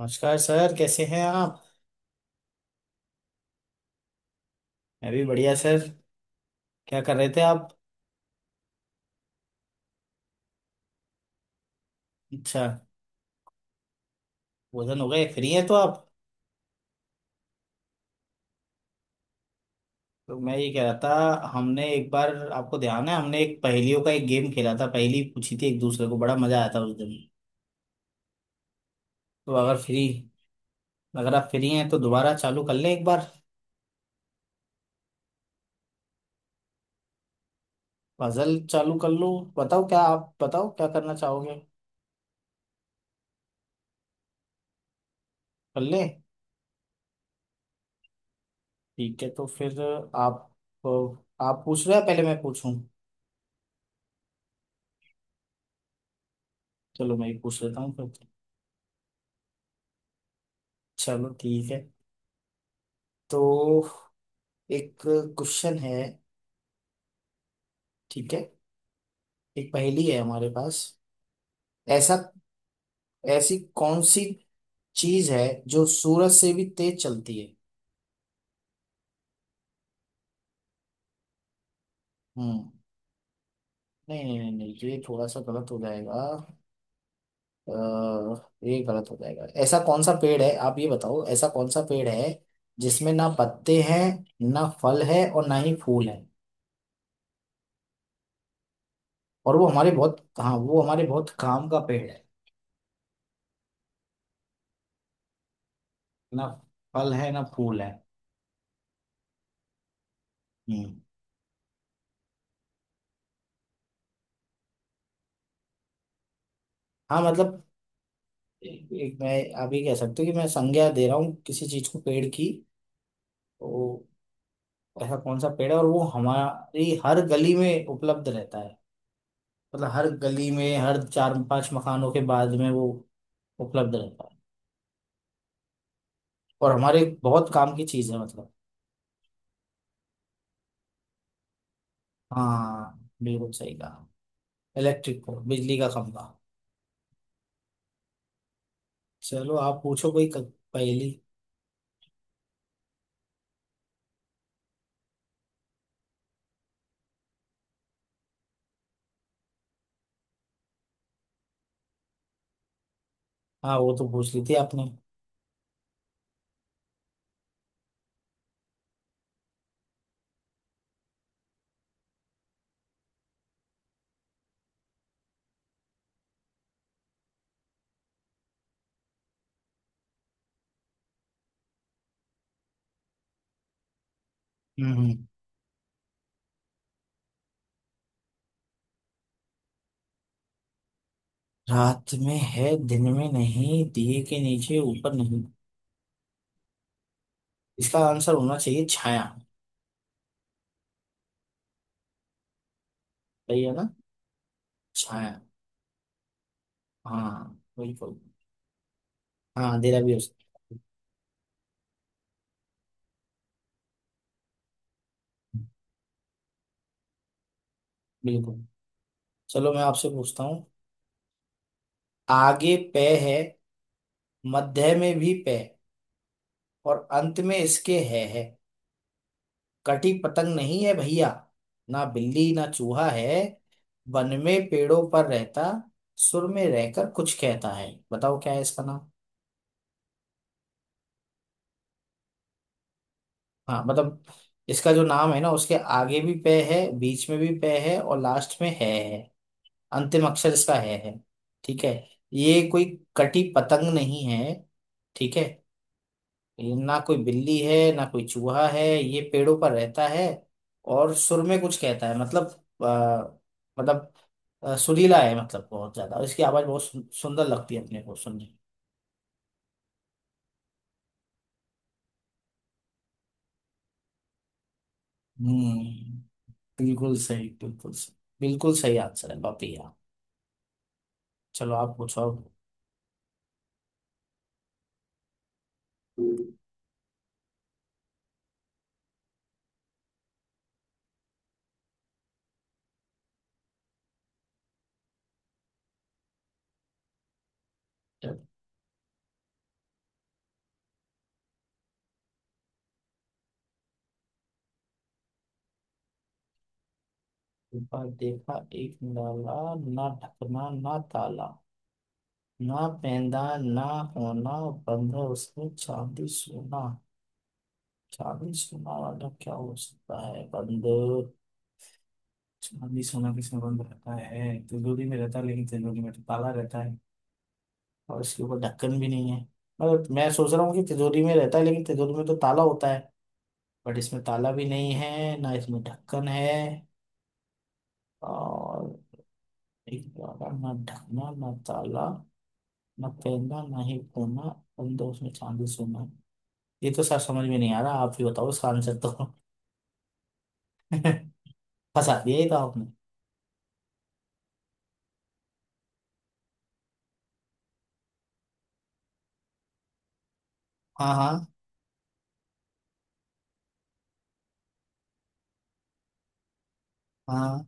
नमस्कार सर, कैसे हैं आप? मैं भी बढ़िया सर। क्या कर रहे थे आप? अच्छा, भोजन हो गए, फ्री हैं तो आप। तो मैं ये कह रहा था, हमने एक बार, आपको ध्यान है, हमने एक पहेलियों का एक गेम खेला था, पहेली पूछी थी एक दूसरे को, बड़ा मजा आया था उस दिन। तो अगर फ्री, अगर आप फ्री हैं तो दोबारा चालू कर लें एक बार। पजल चालू कर लो। बताओ क्या, आप बताओ क्या करना चाहोगे? कर लें? ठीक है तो फिर। आप। तो आप पूछ रहे हैं पहले मैं पूछूं? चलो मैं ही पूछ लेता हूँ फिर। चलो ठीक है। तो एक क्वेश्चन है। ठीक है। एक पहेली है हमारे पास। ऐसा, ऐसी कौन सी चीज है जो सूरज से भी तेज चलती है? हम्म। नहीं नहीं नहीं नहीं, ये थोड़ा सा गलत हो जाएगा। अ, ये गलत हो जाएगा। ऐसा कौन सा पेड़ है, आप ये बताओ, ऐसा कौन सा पेड़ है जिसमें ना पत्ते हैं, ना फल है और ना ही फूल है। और वो हमारे बहुत, हाँ वो हमारे बहुत काम का पेड़ है। ना फल है ना फूल है। हम्म। हाँ मतलब, एक एक मैं, आप ये कह सकते हो कि मैं संज्ञा दे रहा हूँ किसी चीज को पेड़ की। तो ऐसा कौन सा पेड़ है और वो हमारी हर गली में उपलब्ध रहता है? मतलब हर गली में हर चार पांच मकानों के बाद में वो उपलब्ध रहता है और हमारे बहुत काम की चीज है, मतलब। हाँ बिल्कुल सही कहा। इलेक्ट्रिक को, बिजली का खंभा। चलो आप पूछो कोई पहेली। हाँ वो तो पूछ ली थी आपने। हम्म हम्म। रात में है दिन में नहीं, दिए के नीचे ऊपर नहीं। इसका आंसर होना चाहिए छाया। सही है ना? छाया। हाँ बिल्कुल। हाँ अंधेरा भी हो सकता है। बिल्कुल। चलो मैं आपसे पूछता हूँ। आगे पे है, मध्य में भी पे, और अंत में इसके है है। कटी पतंग नहीं है भैया, ना बिल्ली ना चूहा है। वन में पेड़ों पर रहता, सुर में रहकर कुछ कहता है। बताओ क्या है इसका नाम। हाँ मतलब, इसका जो नाम है ना, उसके आगे भी पे है, बीच में भी पे है और लास्ट में है है। अंतिम अक्षर इसका है है। ठीक है। ये कोई कटी पतंग नहीं है। ठीक है। ये ना कोई बिल्ली है ना कोई चूहा है, ये पेड़ों पर रहता है और सुर में कुछ कहता है। मतलब मतलब सुरीला है मतलब बहुत ज्यादा, और इसकी आवाज बहुत सुंदर लगती है अपने को सुनने में। हम्म। बिल्कुल सही बिल्कुल सही। बिल्कुल सही आंसर है बापिया। चलो आप पूछो अब। जब एक बार देखा एक निराला, ना ढकना ना ताला, ना पैदा ना होना, बंधे उसमें चांदी सोना। चांदी सोना वाला क्या हो सकता है बंधे? चांदी सोना किसमें बंद रहता है? तिजोरी में रहता है, लेकिन तिजोरी में तो ताला रहता है। और इसके ऊपर ढक्कन भी नहीं है। मतलब मैं सोच रहा हूँ कि तिजोरी में रहता है, लेकिन तिजोरी में तो ताला होता है। बट इसमें ताला भी नहीं है, ना इसमें ढक्कन है। और एक वाला ना ढकना ना ताला, ना पैदा ना ही कोना, बंधे उसमें चांदी सोना। ये तो सर समझ में नहीं आ रहा, आप ही बताओ इसका आंसर तो। फंसा दिया ये तो आपने। हाँ हाँ हाँ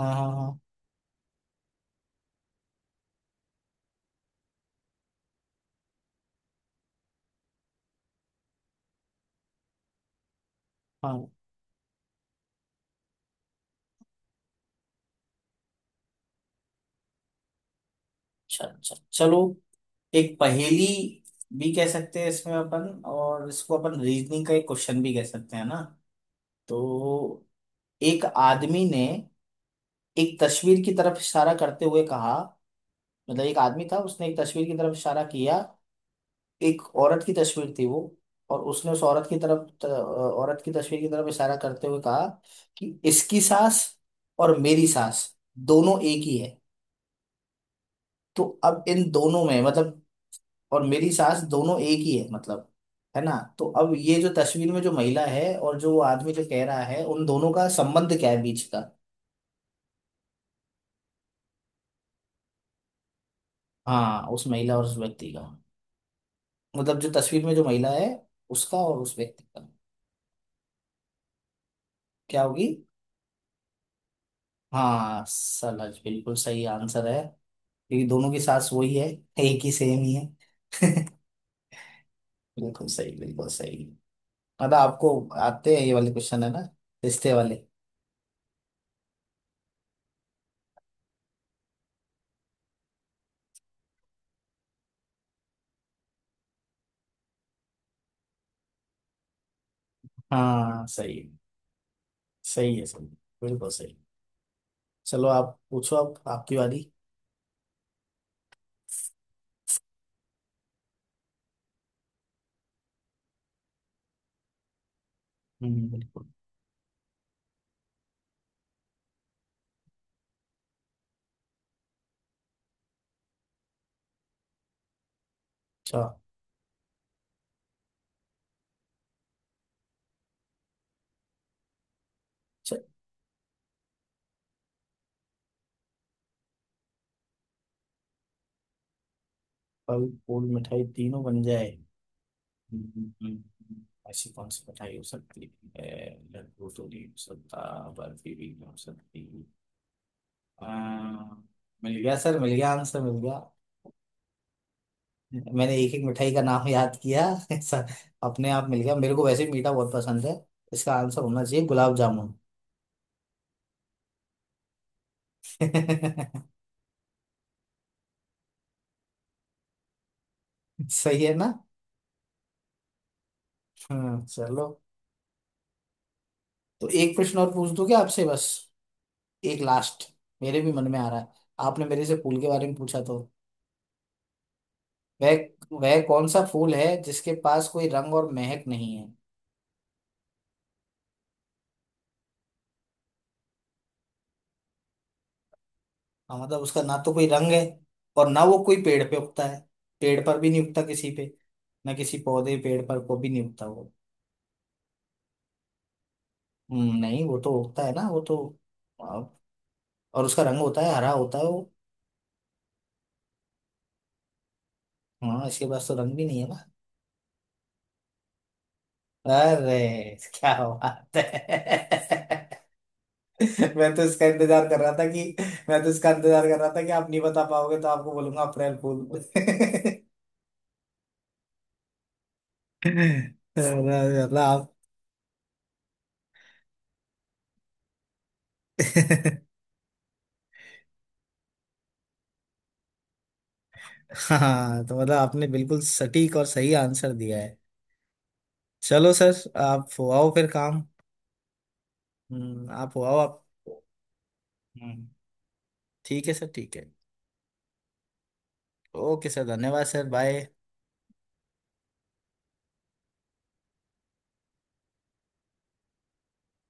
हाँ हाँ हाँ हाँ। अच्छा अच्छा, चलो। एक पहेली भी कह सकते हैं इसमें अपन, और इसको अपन रीजनिंग का एक क्वेश्चन भी कह सकते हैं ना। तो एक आदमी ने एक तस्वीर की तरफ इशारा करते हुए कहा, मतलब एक आदमी था उसने एक तस्वीर की तरफ इशारा किया, एक औरत की तस्वीर थी वो, और उसने उस औरत की तरफ औरत की तस्वीर की तरफ इशारा करते हुए कहा कि इसकी सांस और मेरी सांस दोनों एक ही है। तो अब इन दोनों में मतलब, और मेरी सांस दोनों एक ही है मतलब, है ना? तो अब ये जो तस्वीर में जो महिला है, और जो वो आदमी जो कह रहा है, उन दोनों का संबंध क्या है बीच का? हाँ उस महिला और उस व्यक्ति का। मतलब जो तस्वीर में जो महिला है, उसका और उस व्यक्ति का। क्या होगी? हाँ सलज, बिल्कुल सही आंसर है। ये दोनों की सास वही है, एक ही सेम ही है। बिल्कुल सही बिल्कुल सही। मतलब आपको आते हैं ये वाले क्वेश्चन है ना, रिश्ते वाले। हाँ सही है, सही है सही है, बिल्कुल सही। चलो आप पूछो अब आपकी वाली। बिल्कुल। अच्छा, अच्छा, फल फूल मिठाई तीनों बन जाए। हम्म। ऐसी कौन सी मिठाई हो सकती है? लड्डू तो नहीं हो सकता, बर्फी भी नहीं हो सकती। अम्म, मिल गया सर मिल गया, आंसर मिल गया। मैंने एक एक मिठाई का नाम याद किया। ऐसा अपने आप मिल गया, मेरे को वैसे ही मीठा बहुत पसंद है। इसका आंसर होना चाहिए गुलाब जामुन। सही है ना? चलो। तो एक प्रश्न और पूछ दूं क्या आपसे बस, एक लास्ट, मेरे भी मन में आ रहा है, आपने मेरे से फूल के बारे में पूछा तो। वह वह कौन सा फूल है जिसके पास कोई रंग और महक नहीं है? हाँ, मतलब उसका ना तो कोई रंग है, और ना वो कोई पेड़ पे उगता है। पेड़ पर भी नहीं उगता किसी पे, ना किसी पौधे पेड़ पर को भी नहीं उगता। नहीं वो तो उगता है ना, वो तो वाव। और उसका रंग होता है हरा होता है वो। हाँ इसके पास तो रंग भी नहीं है ना। अरे क्या बात है! मैं तो इसका इंतजार कर रहा था कि, मैं तो इसका इंतजार कर रहा था कि आप नहीं बता पाओगे तो आपको बोलूंगा अप्रैल फूल। मतलब आप। हाँ तो मतलब आपने बिल्कुल सटीक और सही आंसर दिया है। चलो सर, आप हुआओ फिर काम। आप हुआओ आप। हम्म, ठीक है सर ठीक है। ओके सर धन्यवाद सर, बाय।